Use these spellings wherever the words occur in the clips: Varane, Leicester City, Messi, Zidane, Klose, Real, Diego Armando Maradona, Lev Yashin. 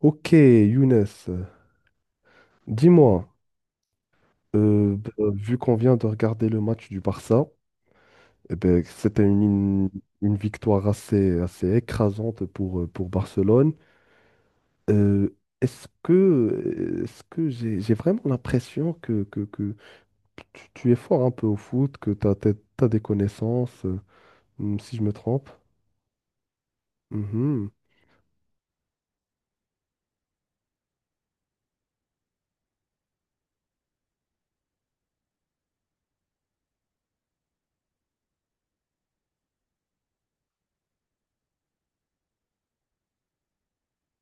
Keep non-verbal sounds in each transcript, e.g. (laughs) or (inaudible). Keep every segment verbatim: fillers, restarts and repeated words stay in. Ok, Younes, dis-moi, euh, bah, vu qu'on vient de regarder le match du Barça, eh ben, c'était une, une- une victoire assez, assez écrasante pour, euh, pour Barcelone. Euh, est-ce que, est-ce que j'ai, j'ai vraiment l'impression que, que, que tu, tu es fort un peu au foot, que tu as des connaissances, euh, hmm, si je me trompe? Mhm.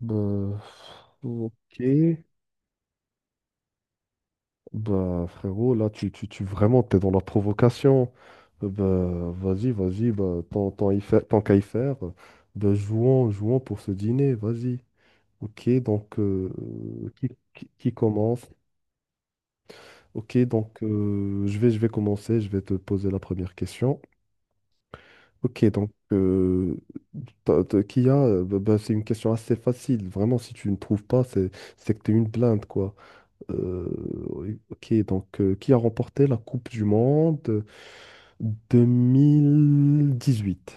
Bah, ok. Bah, frérot, là, tu, tu, tu vraiment, t'es dans la provocation. Euh, Bah, vas-y, vas-y, bah, tant, tant y faire- tant qu'à y faire, euh, bah, jouons, jouons pour ce dîner, vas-y. Ok, donc, euh, qui, qui- qui commence? Ok, donc, euh, je vais, je vais commencer, je vais te poser la première question. Ok, donc, euh, t'as- t'as- qui a, euh, bah, bah, c'est une question assez facile. Vraiment, si tu ne trouves pas, c'est, c'est que t'es une blinde, quoi. Euh, oui, ok, donc, euh, qui a remporté la Coupe du Monde deux mille dix-huit?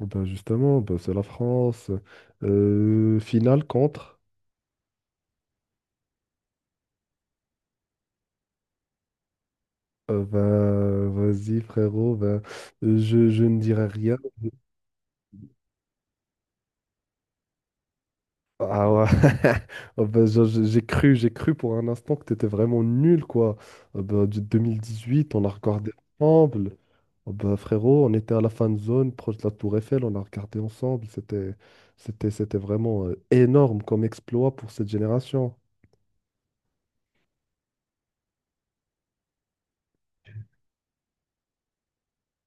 Eh ben justement, ben c'est la France. Euh, finale contre. Euh, ben, vas-y, frérot. Ben, euh, je, je ne dirai rien. Ah ouais. (laughs) Oh ben, je- je- j'ai cru, j'ai cru pour un instant que t'étais vraiment nul, quoi. Oh ben, du deux mille dix-huit, on a regardé ensemble. Oh ben, frérot, on était à la fan zone, proche de la Tour Eiffel, on a regardé ensemble. C'était, c'était, c'était vraiment euh, énorme comme exploit pour cette génération.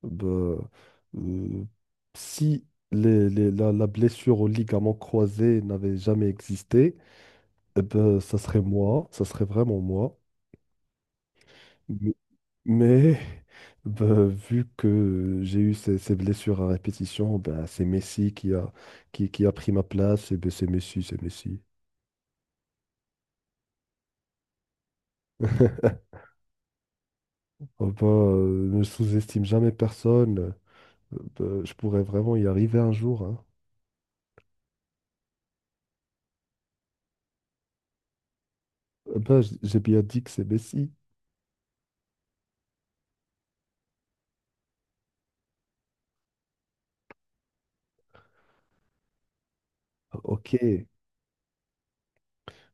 Ben, euh, si les- les- la, la blessure au ligament croisé n'avait jamais existé, eh ben, ça serait moi, ça serait vraiment moi. M- Mais (laughs) ben, vu que j'ai eu ces, ces blessures à répétition, ben, c'est Messi qui a, qui, qui a pris ma place, et ben, c'est Messi, c'est Messi. (laughs) Oh ben, euh, ne sous-estime jamais personne. Euh, ben, je pourrais vraiment y arriver un jour, hein. Euh, ben, j- j'ai bien dit que c'est Messi. Ok.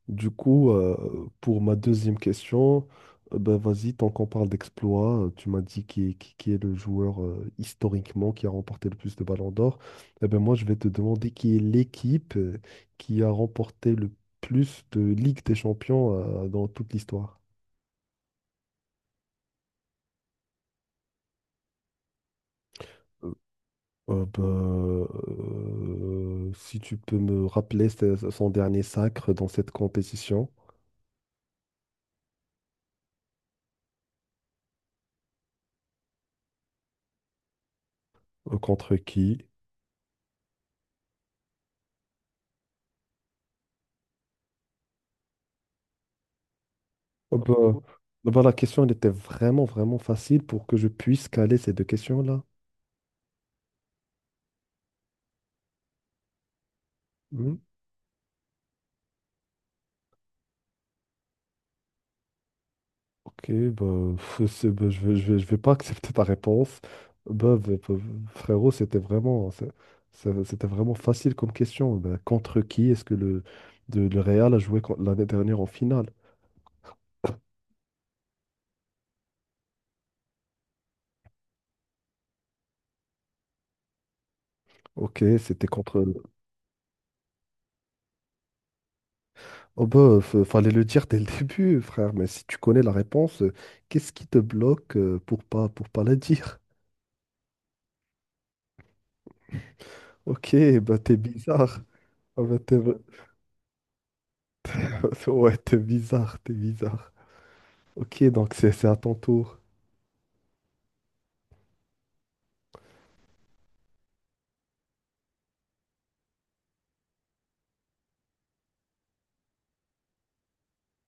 Du coup, euh, pour ma deuxième question, euh, ben vas-y, tant qu'on parle d'exploit, euh, tu m'as dit qui, qui- qui est le joueur euh, historiquement qui a remporté le plus de ballons d'or. Eh ben moi, je vais te demander qui est l'équipe euh, qui a remporté le plus de Ligue des Champions euh, dans toute l'histoire. Euh, ben, euh, si tu peux me rappeler ce- son dernier sacre dans cette compétition, euh, contre qui? Oh bah, bah, bah, la question, elle était vraiment, vraiment facile pour que je puisse caler ces deux questions-là. Hmm, ok, bah, pff, c'est- bah, je vais, je vais, je vais pas (laughs) accepter ta réponse. Bah, bah, bah, frérot, c'était vraiment, c'est- c'est- c'était vraiment facile comme question. Bah, contre qui est-ce que le, de, le Real a joué con- l'année dernière en finale? Ok, c'était contre... Oh bah, f- fallait le dire dès le début, frère, mais si tu connais la réponse, euh, qu'est-ce qui te bloque euh, pour pas, pour pas la dire? Ok, bah t'es bizarre. Ah bah, t'es... v- (laughs) Ouais, t'es bizarre, t'es bizarre. Ok, donc c'est c'est à ton tour.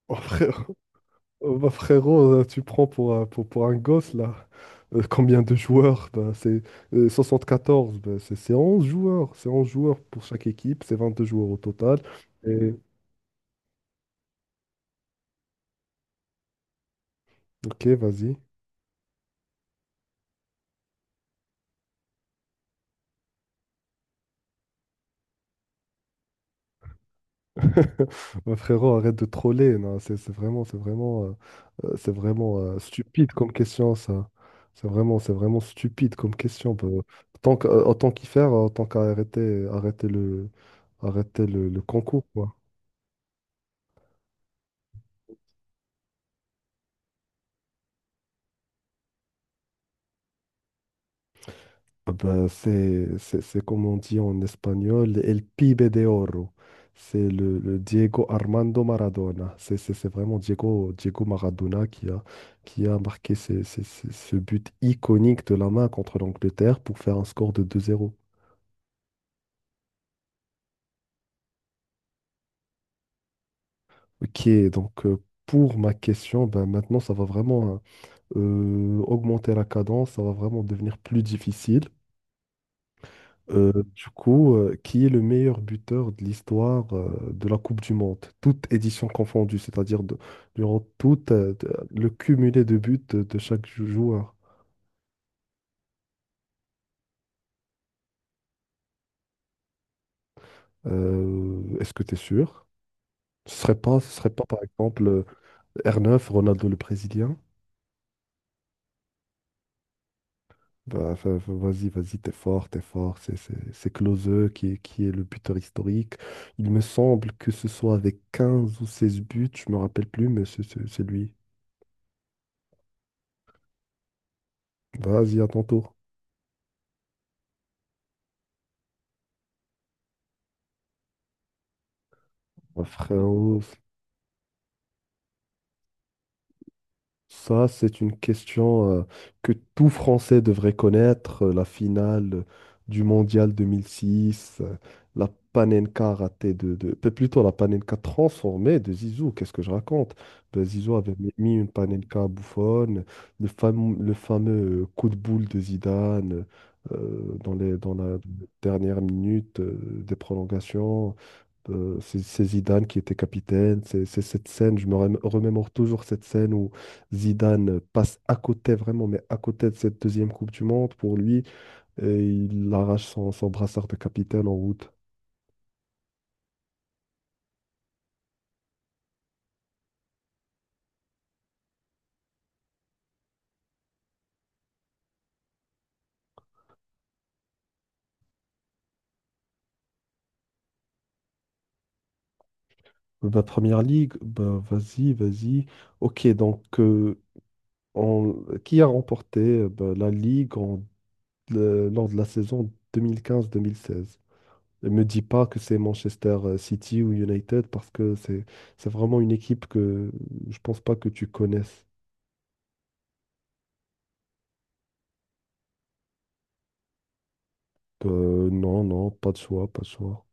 Oh, frère... oh, bah, frérot, euh, tu prends pour, euh, pour, pour un gosse, là. Euh, combien de joueurs? Bah, c'est euh, soixante-quatorze, bah, c'est c'est onze joueurs. C'est onze joueurs pour chaque équipe, c'est vingt-deux joueurs au total. Et... Ok, vas-y. (laughs) Mon frérot, arrête de troller. Non, c'est c'est vraiment, c'est vraiment, euh, euh, c'est vraiment euh, stupide comme question, ça. C'est vraiment, c'est vraiment stupide comme question. Bah, Tant que- euh, autant qu'y faire, autant qu'à arrêter, arrêter le, arrêter le, le concours, quoi. Ah ben, c'est, c'est, c'est comme on dit en espagnol, El Pibe de Oro. C'est le, le Diego Armando Maradona. C'est c'est- c'est vraiment Diego, Diego Maradona qui a, qui a marqué ces- ces- ces- ce but iconique de la main contre l'Angleterre pour faire un score de deux zéro. Ok, donc euh, pour ma question, ben maintenant ça va vraiment hein, euh, augmenter la cadence, ça va vraiment devenir plus difficile. Euh, du coup, euh, qui est le meilleur buteur de l'histoire euh, de la Coupe du Monde, toute édition confondue, c'est-à-dire de- durant tout euh, de- le cumulé de buts de, de chaque jou- joueur. Euh, est-ce que tu es sûr? Ce serait pas, ce serait pas par exemple euh, R neuf, Ronaldo le Brésilien? Bah, fa- fa- vas-y, vas-y, t'es fort, t'es fort. C'est c'est- c'est Klose qui est, qui est le buteur historique. Il me semble que ce soit avec quinze ou seize buts, je me rappelle plus, mais c'est c'est- c'est lui. Vas-y, à ton tour. Ouais, frérot, ça c'est une question euh, que tout Français devrait connaître, euh, la finale euh, du Mondial deux mille six, euh, la Panenka ratée de, de- peu- plutôt la Panenka transformée de Zizou, qu'est-ce que je raconte? Ben, Zizou avait mi- mis une Panenka bouffonne, le, fam- le fameux euh, coup de boule de Zidane euh, dans les, dans la dernière minute euh, des prolongations. Euh, c'est c'est Zidane qui était capitaine. C'est c'est cette scène, je me remé- remémore toujours cette scène où Zidane passe à côté, vraiment, mais à côté de cette deuxième Coupe du Monde pour lui, et il arrache son, son brassard de capitaine en route. Bah, première ligue, bah, vas-y, vas-y. Ok, donc euh, en- qui a remporté euh, ben, la Ligue en- le- lors de la saison deux deux mille quinze mille seize? Ne me dis pas que c'est Manchester euh, City ou United parce que c'est c'est vraiment une équipe que je pense pas que tu connaisses. Euh, non, non, pas de choix, pas de choix.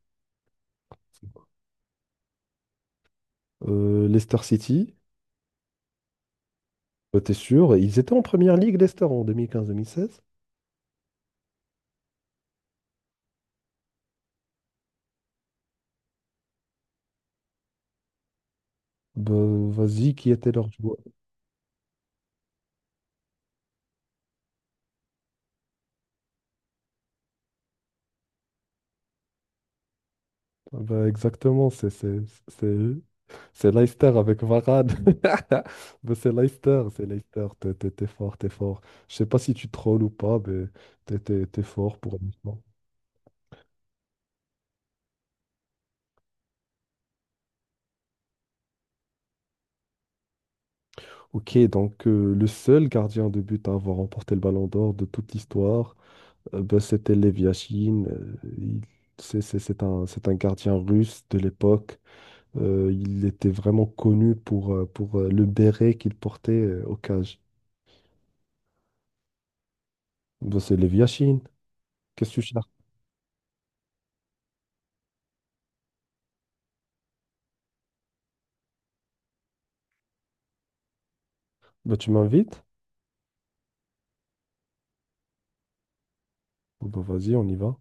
Euh, Leicester City, bah, t'es sûr? Ils étaient en première ligue, Leicester, en deux mille quinze-deux mille seize. Bah, vas-y, qui était leur joueur? Ah bah, exactement, c'est c'est- c'est- c'est Leicester avec Varane. (laughs) Mais c'est Leicester, c'est Leicester, t'es t'es- t'es fort, t'es fort. Je sais pas si tu trolls ou pas, mais t'es t'es- t'es fort pour l'instant. Ok, donc euh, le seul gardien de but à avoir remporté le Ballon d'Or de toute l'histoire, euh, bah, c'était Lev Yashin. Euh, il- c'est c'est- c'est un, c'est un gardien russe de l'époque. Euh, il était vraiment connu pour, euh, pour euh, le béret qu'il portait euh, au cage. Bah, c'est Lev Yashin. Qu'est-ce que tu cherches? Bah, tu m'invites? Bon, bah, vas-y, on y va.